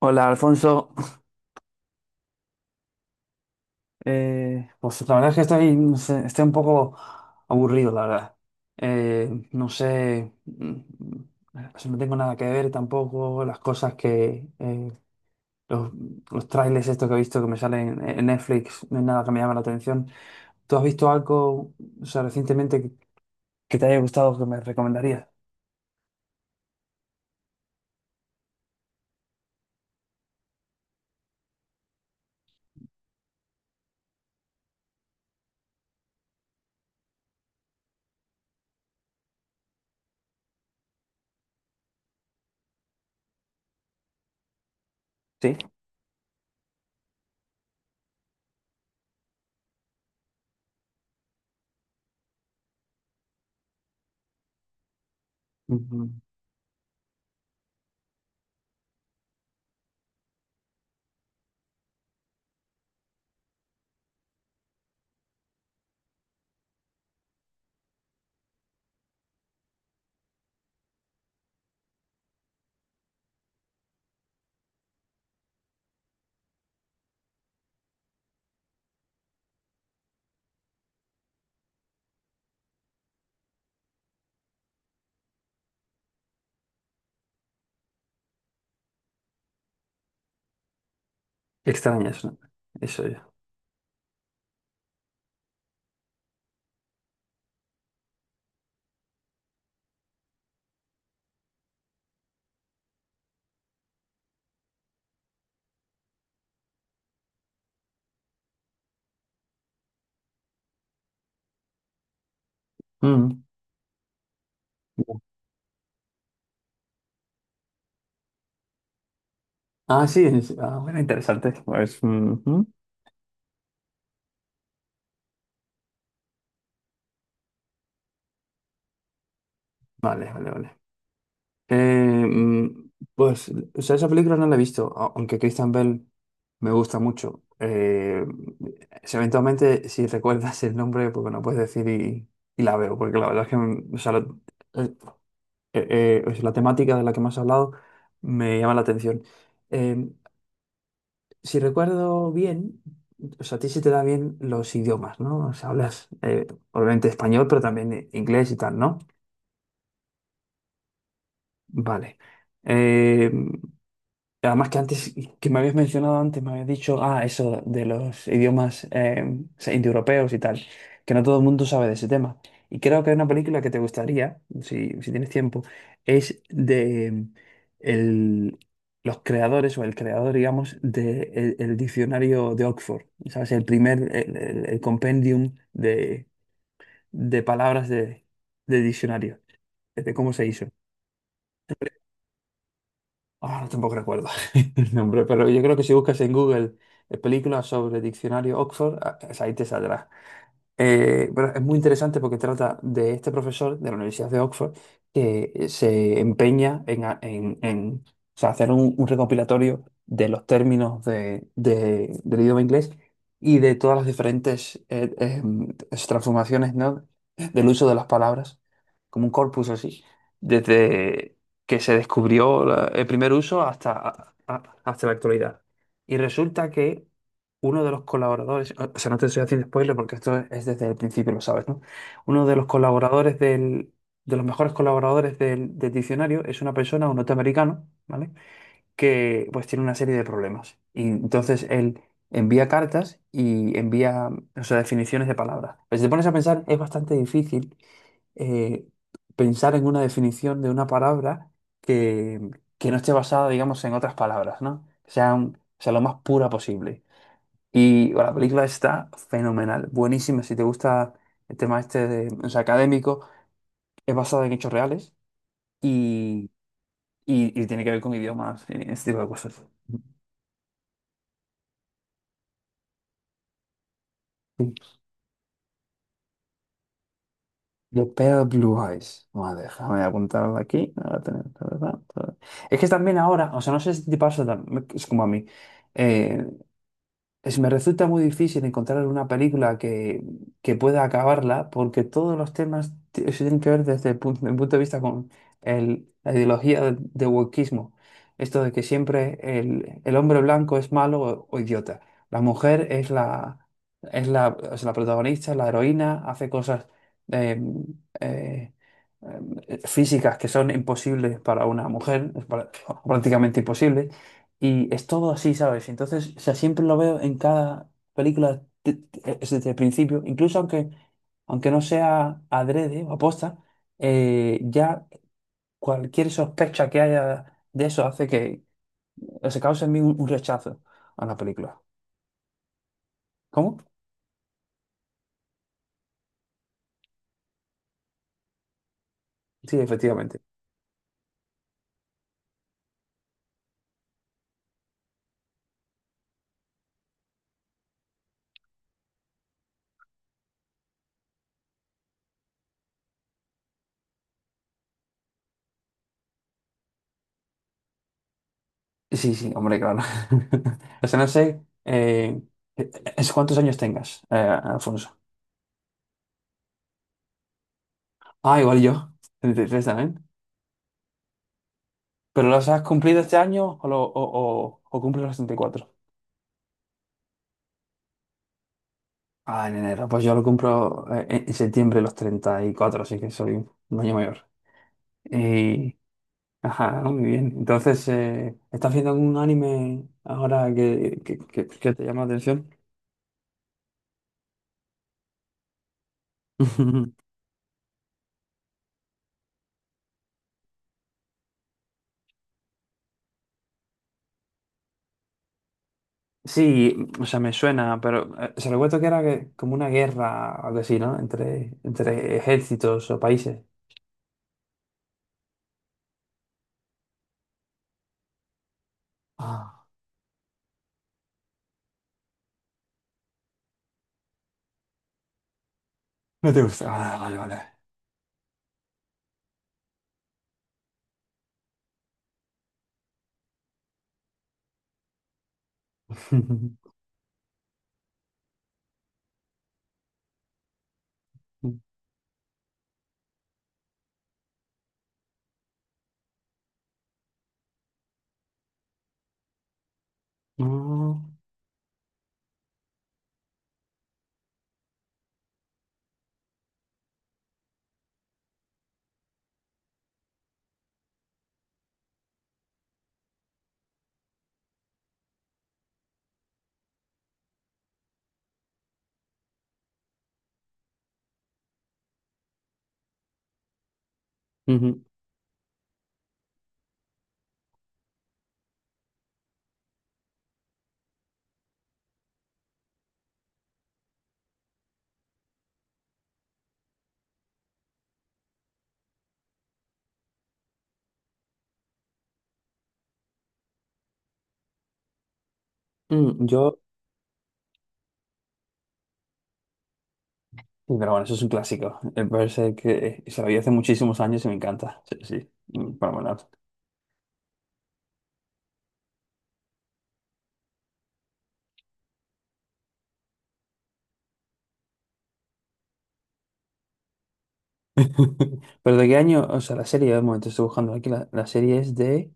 Hola, Alfonso. Pues la verdad es que estoy, no sé, estoy un poco aburrido, la verdad. No sé, pues no tengo nada que ver tampoco. Las cosas que, los, los trailers estos que he visto que me salen en Netflix, no es nada que me llame la atención. ¿Tú has visto algo, o sea, recientemente que te haya gustado que me recomendarías? Sí. Ujú. Extrañas, ¿no? Eso ya. Mm. Ah, sí, ah, bueno, interesante. Pues, ujú. Vale, vale, vale. Eh, mm, pues, o sea, esa película no la he visto, aunque Christian Bell me gusta mucho. Si eventualmente, si recuerdas el nombre, pues bueno, puedes decir y la veo, porque la verdad es que o sea, eh, o sea, la temática de la que me has hablado me llama la atención. Eh, si recuerdo bien, o sea, a ti sí te da bien los idiomas, ¿no? O sea, hablas obviamente español, pero también inglés y tal, ¿no? Vale. Eh, Además que antes, que me habías mencionado antes, me habías dicho, ah, eso de los idiomas o sea, indoeuropeos y tal, que no todo el mundo sabe de ese tema. Y creo que hay una película que te gustaría, si, si tienes tiempo, es de el, los creadores o el creador, digamos, de el diccionario de Oxford, ¿sabes? El primer, el compendium de palabras de diccionario, de cómo se hizo. Ah, no tampoco recuerdo el nombre, pero yo creo que si buscas en Google películas sobre diccionario Oxford, ah, esa ahí te saldrá. Pero es muy interesante porque trata de este profesor de la Universidad de Oxford que se empeña en, o sea, hacer un recopilatorio de los términos del idioma inglés y de todas las diferentes transformaciones, ¿no? del uso de las palabras, como un corpus así, desde que se descubrió el primer uso hasta, hasta la actualidad. Y resulta que uno de los colaboradores, o sea, no te estoy haciendo spoiler porque esto es, desde el principio, lo sabes, ¿no? Uno de los colaboradores del, de los mejores colaboradores del, del diccionario es una persona, un norteamericano, ¿vale? Que pues tiene una serie de problemas. Y entonces él envía cartas y envía, o sea, definiciones de palabras. Pues si te pones a pensar, es bastante difícil eh, pensar en una definición de una palabra que, que no esté basada, digamos, en otras palabras, ¿no? Que sea lo más pura posible. Y bueno, la película está fenomenal, buenísima. Si te gusta el tema este de, o sea, académico, es basada en hechos reales y, y tiene que ver con idiomas y este tipo de cosas. Sí. The Pale Blue Eyes. Vale, déjame apuntarla aquí. Ahora tenemos- Es que también ahora, o sea, no sé si te pasa, tam- es como a mí. Es, me resulta muy difícil encontrar una película que pueda acabarla porque todos los temas se tienen que ver desde el punto, mi punto de vista con la ideología de wokismo. Esto de que siempre el hombre blanco es malo o idiota. La mujer es la, es la, es la protagonista, la heroína, hace cosas eh, eh, físicas que son imposibles para una mujer, es prácticamente imposibles. Y es todo así, ¿sabes? Entonces, o sea, siempre lo veo en cada película es desde el principio, incluso aunque, aunque no sea adrede o aposta, ya cualquier sospecha que haya de eso hace que se cause en mí un rechazo a la película. ¿Cómo? Sí, efectivamente. Sí, sí, hombre, claro. O sea, no sé es cuántos años tengas, Alfonso. Ah, igual yo, 33 también. ¿Pero los has cumplido este año o, o cumples los 34 Ah, en enero. Pues yo lo cumplo en septiembre los 34, así que soy un año mayor. Y, ajá, ¿no? Muy bien. Entonces, ¿estás viendo algún anime ahora que te llama la atención? Sí, o sea, me suena, pero se recuerdo que era como una guerra, algo así, ¿no? Entre, entre ejércitos o países. Ah, no te gusta. Ah, vale, vale. No. Ujú. Mm, yo. Sí, pero bueno, eso es un clásico. Me parece que se lo vi hace muchísimos años y me encanta. Sí, sí. Mm, para volar. Pero de qué año, o sea, la serie, de momento, estoy buscando aquí, la serie es de...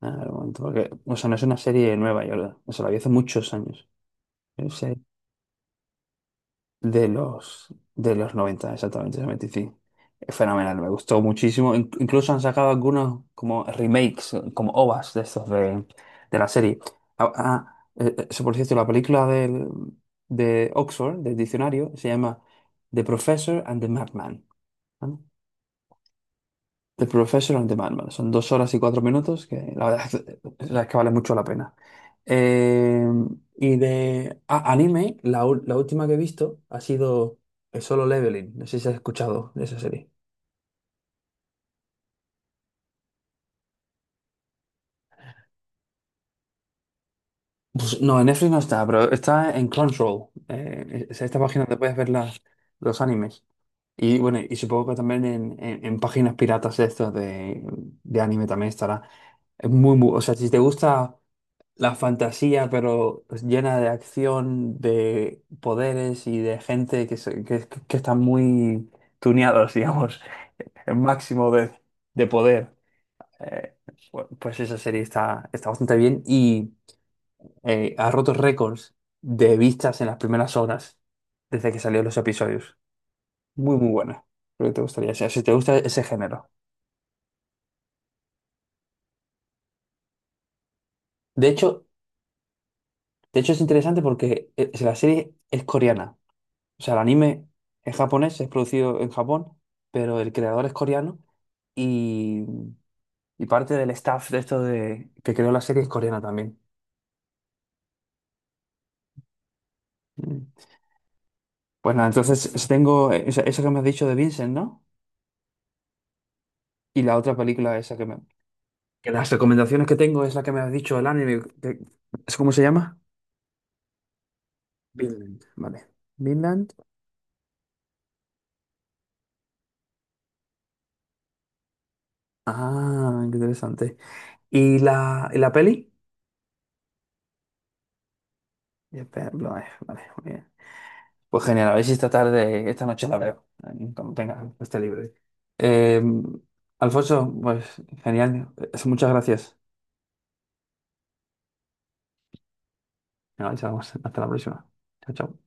Ah, un momento, porque, o sea, no es una serie nueva, o sea, la vi hace muchos años. De los, de los 90 exactamente, 95. Es fenomenal, me gustó muchísimo. Incluso han sacado algunos como remakes, como OVAs de estos de la serie. Eso, por cierto, la película del, de Oxford, del diccionario, se llama The Professor and the Madman. ¿Vale? The Professor and the Madman. Son dos horas y cuatro minutos que la verdad es que, la verdad es que vale mucho la pena. Eh, y de anime, la última que he visto ha sido el Solo Leveling. No sé si has escuchado de esa serie. Pues no, en Netflix no está, pero está en Crunchyroll. Es esta página donde puedes ver las, los animes. Y bueno, y supongo que también en, en páginas piratas de estos de anime también estará. Es muy, muy, o sea, si te gusta. La fantasía, pero llena de acción, de poderes y de gente que, que están muy tuneados, digamos, el máximo de poder. Eh, pues esa serie está, está bastante bien y ha roto récords de vistas en las primeras horas desde que salieron los episodios. Muy, muy buena. Creo que te gustaría, o sea, si te gusta ese género. De hecho, de hecho es interesante porque si la serie es coreana. O sea, el anime es japonés, es producido en Japón, pero el creador es coreano y, y parte del staff de esto de, que creó la serie es coreana también. Mm. Pues nada, tengo esa, esa que me has dicho de Vincent, ¿no? Y la otra película esa que me... Que las recomendaciones que tengo es la que me has dicho, el anime. ¿Es cómo se llama? Vinland. Vale. Vinland. Ah, qué interesante. Y la peli? Ya, espera, vale, vale, muy bien. Pues genial, a ver si esta tarde, esta noche la veo, cuando tenga este libre. Eh, Alfonso, pues genial, muchas gracias. Venga, chao, hasta la próxima. Chao, chao.